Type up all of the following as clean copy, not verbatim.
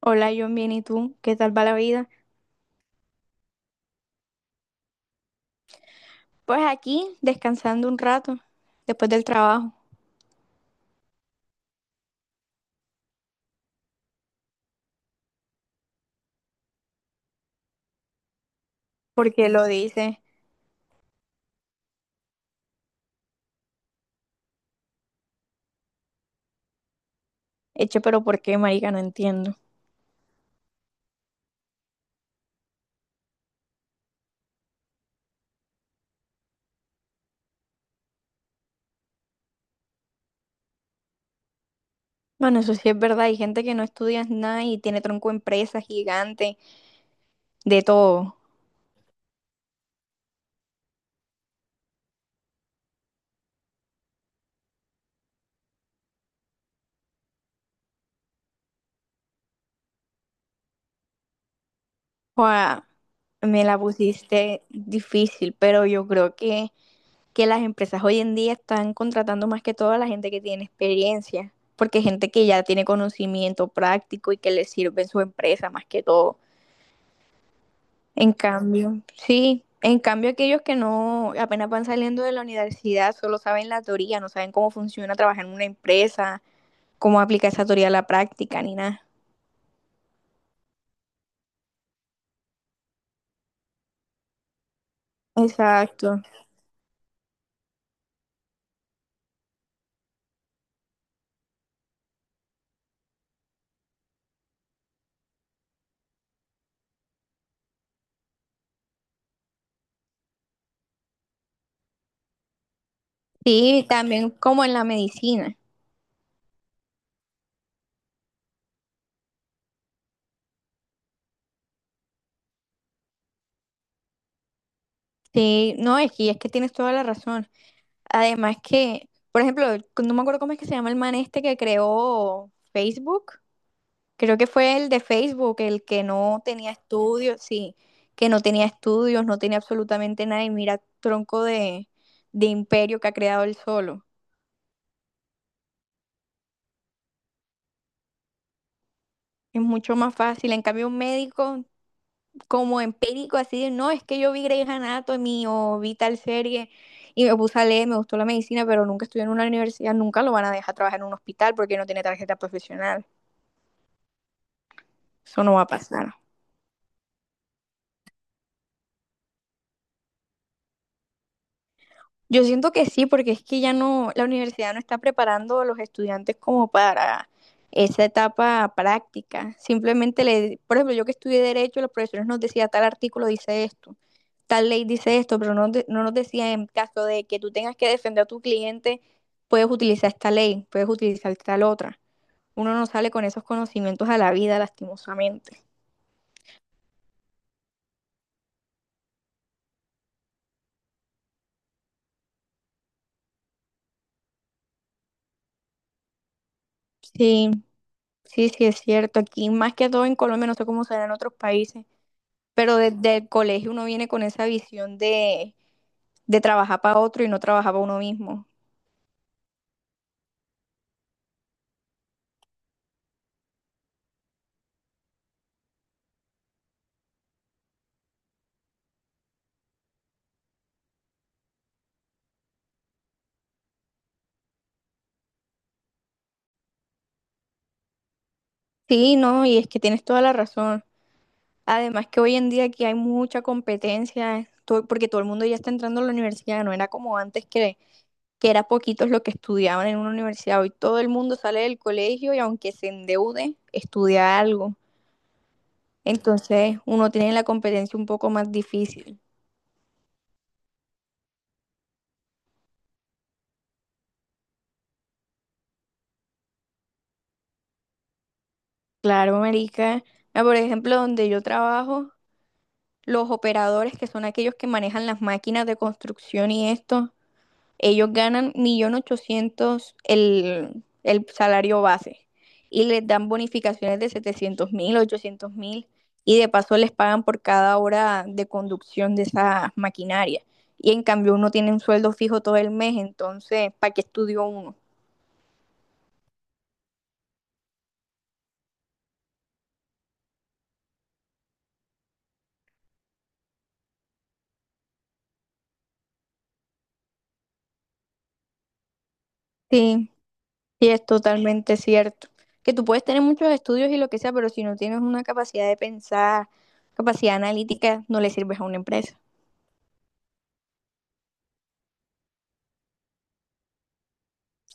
Hola, John, bien, ¿y tú? ¿Qué tal va la vida? Pues aquí, descansando un rato, después del trabajo, porque lo dice, hecho, pero ¿por qué, marica? No entiendo. Bueno, eso sí es verdad, hay gente que no estudia nada y tiene tronco empresa gigante, de todo. Joa, me la pusiste difícil, pero yo creo que las empresas hoy en día están contratando más que todo a la gente que tiene experiencia, porque gente que ya tiene conocimiento práctico y que le sirve en su empresa más que todo. En cambio, sí, en cambio aquellos que no, apenas van saliendo de la universidad, solo saben la teoría, no saben cómo funciona trabajar en una empresa, cómo aplicar esa teoría a la práctica, ni nada. Exacto. Sí, también como en la medicina. Sí, no, es que tienes toda la razón. Además que, por ejemplo, no me acuerdo cómo es que se llama el man este que creó Facebook. Creo que fue el de Facebook, el que no tenía estudios, sí, que no tenía estudios, no tenía absolutamente nada y mira tronco de imperio que ha creado él solo. Es mucho más fácil. En cambio, un médico como empírico, así de, no, es que yo vi Grey's Anatomy o vi tal serie y me puse a leer, me gustó la medicina, pero nunca estudié en una universidad, nunca lo van a dejar trabajar en un hospital porque no tiene tarjeta profesional. Eso no va a pasar. Yo siento que sí, porque es que ya no, la universidad no está preparando a los estudiantes como para esa etapa práctica. Simplemente le, por ejemplo, yo que estudié derecho, los profesores nos decían tal artículo dice esto, tal ley dice esto, pero no, no nos decía en caso de que tú tengas que defender a tu cliente, puedes utilizar esta ley, puedes utilizar tal otra. Uno no sale con esos conocimientos a la vida, lastimosamente. Sí, sí, sí es cierto. Aquí más que todo en Colombia, no sé cómo será en otros países. Pero desde el colegio uno viene con esa visión de trabajar para otro y no trabajar para uno mismo. Sí, no, y es que tienes toda la razón. Además que hoy en día aquí hay mucha competencia, porque todo el mundo ya está entrando a la universidad, no era como antes que era poquitos los que estudiaban en una universidad. Hoy todo el mundo sale del colegio y aunque se endeude, estudia algo. Entonces uno tiene la competencia un poco más difícil. Claro, marica. Ah, por ejemplo, donde yo trabajo, los operadores, que son aquellos que manejan las máquinas de construcción y esto, ellos ganan 1.800.000 el salario base y les dan bonificaciones de 700.000, 1.000 y de paso les pagan por cada hora de conducción de esa maquinaria. Y en cambio uno tiene un sueldo fijo todo el mes, entonces, ¿para qué estudió uno? Sí. Sí es totalmente cierto. Que tú puedes tener muchos estudios y lo que sea, pero si no tienes una capacidad de pensar, capacidad analítica, no le sirves a una empresa.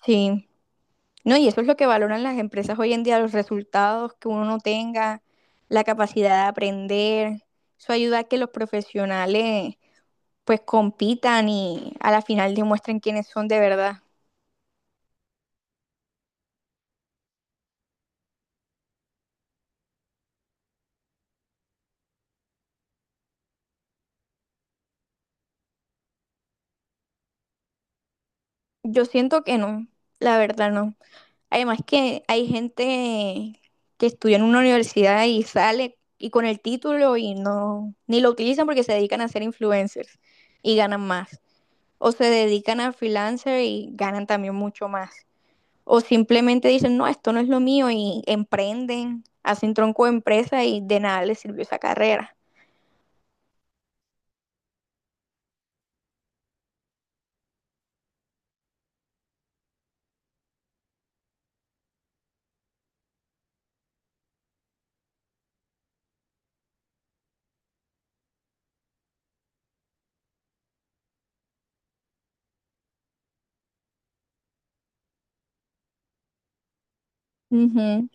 Sí. No, y eso es lo que valoran las empresas hoy en día, los resultados que uno no tenga, la capacidad de aprender. Eso ayuda a que los profesionales pues compitan y a la final demuestren quiénes son de verdad. Yo siento que no, la verdad no. Además que hay gente que estudia en una universidad y sale y con el título y no, ni lo utilizan porque se dedican a ser influencers y ganan más. O se dedican a freelancer y ganan también mucho más. O simplemente dicen, no, esto no es lo mío y emprenden, hacen tronco de empresa y de nada les sirvió esa carrera. Ujú.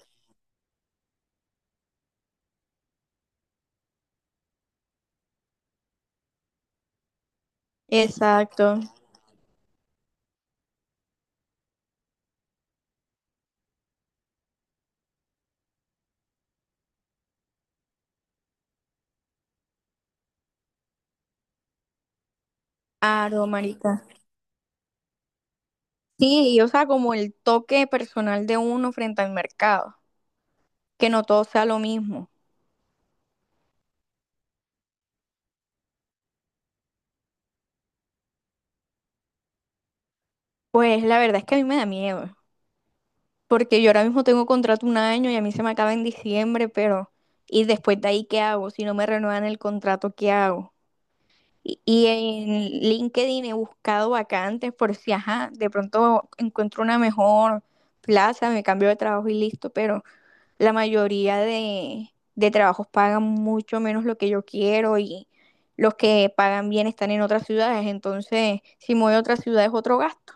Exacto. Claro, marica. Sí, y o sea, como el toque personal de uno frente al mercado, que no todo sea lo mismo. Pues la verdad es que a mí me da miedo, porque yo ahora mismo tengo contrato 1 año y a mí se me acaba en diciembre, pero ¿y después de ahí qué hago? Si no me renuevan el contrato, ¿qué hago? Y en LinkedIn he buscado vacantes por si, ajá, de pronto encuentro una mejor plaza, me cambio de trabajo y listo, pero la mayoría de trabajos pagan mucho menos lo que yo quiero y los que pagan bien están en otras ciudades, entonces si me voy a otras ciudades es otro gasto.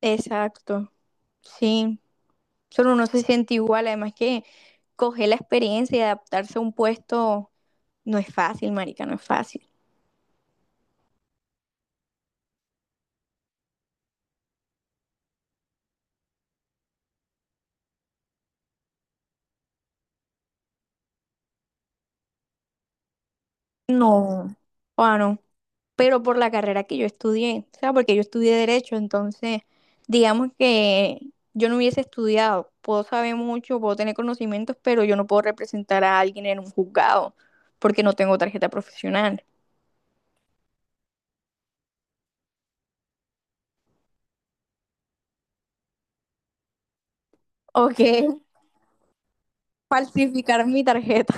Exacto, sí. Solo uno se siente igual, además que coger la experiencia y adaptarse a un puesto no es fácil, marica, no es fácil. No. O no, pero por la carrera que yo estudié, o sea, porque yo estudié Derecho, entonces, digamos que yo no hubiese estudiado, puedo saber mucho, puedo tener conocimientos, pero yo no puedo representar a alguien en un juzgado, porque no tengo tarjeta profesional. O que falsificar mi tarjeta.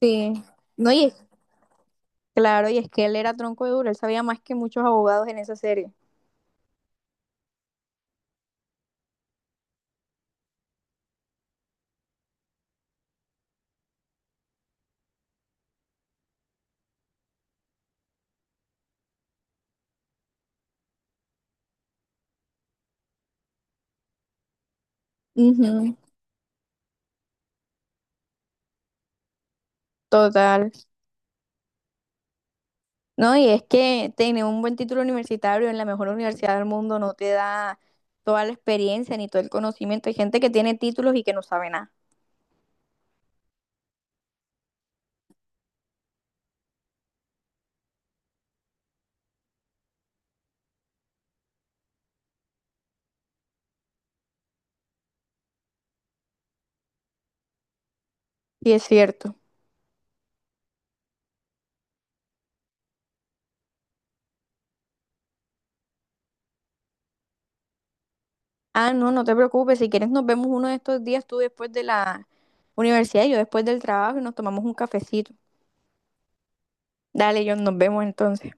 Sí. No, y es... Claro, y es que él era tronco de duro, él sabía más que muchos abogados en esa serie. Ujú. Total. No, y es que tener un buen título universitario en la mejor universidad del mundo no te da toda la experiencia ni todo el conocimiento. Hay gente que tiene títulos y que no sabe nada. Sí es cierto. Ah, no, no te preocupes. Si quieres, nos vemos uno de estos días, tú después de la universidad y yo después del trabajo y nos tomamos un cafecito. Dale, John, nos vemos entonces.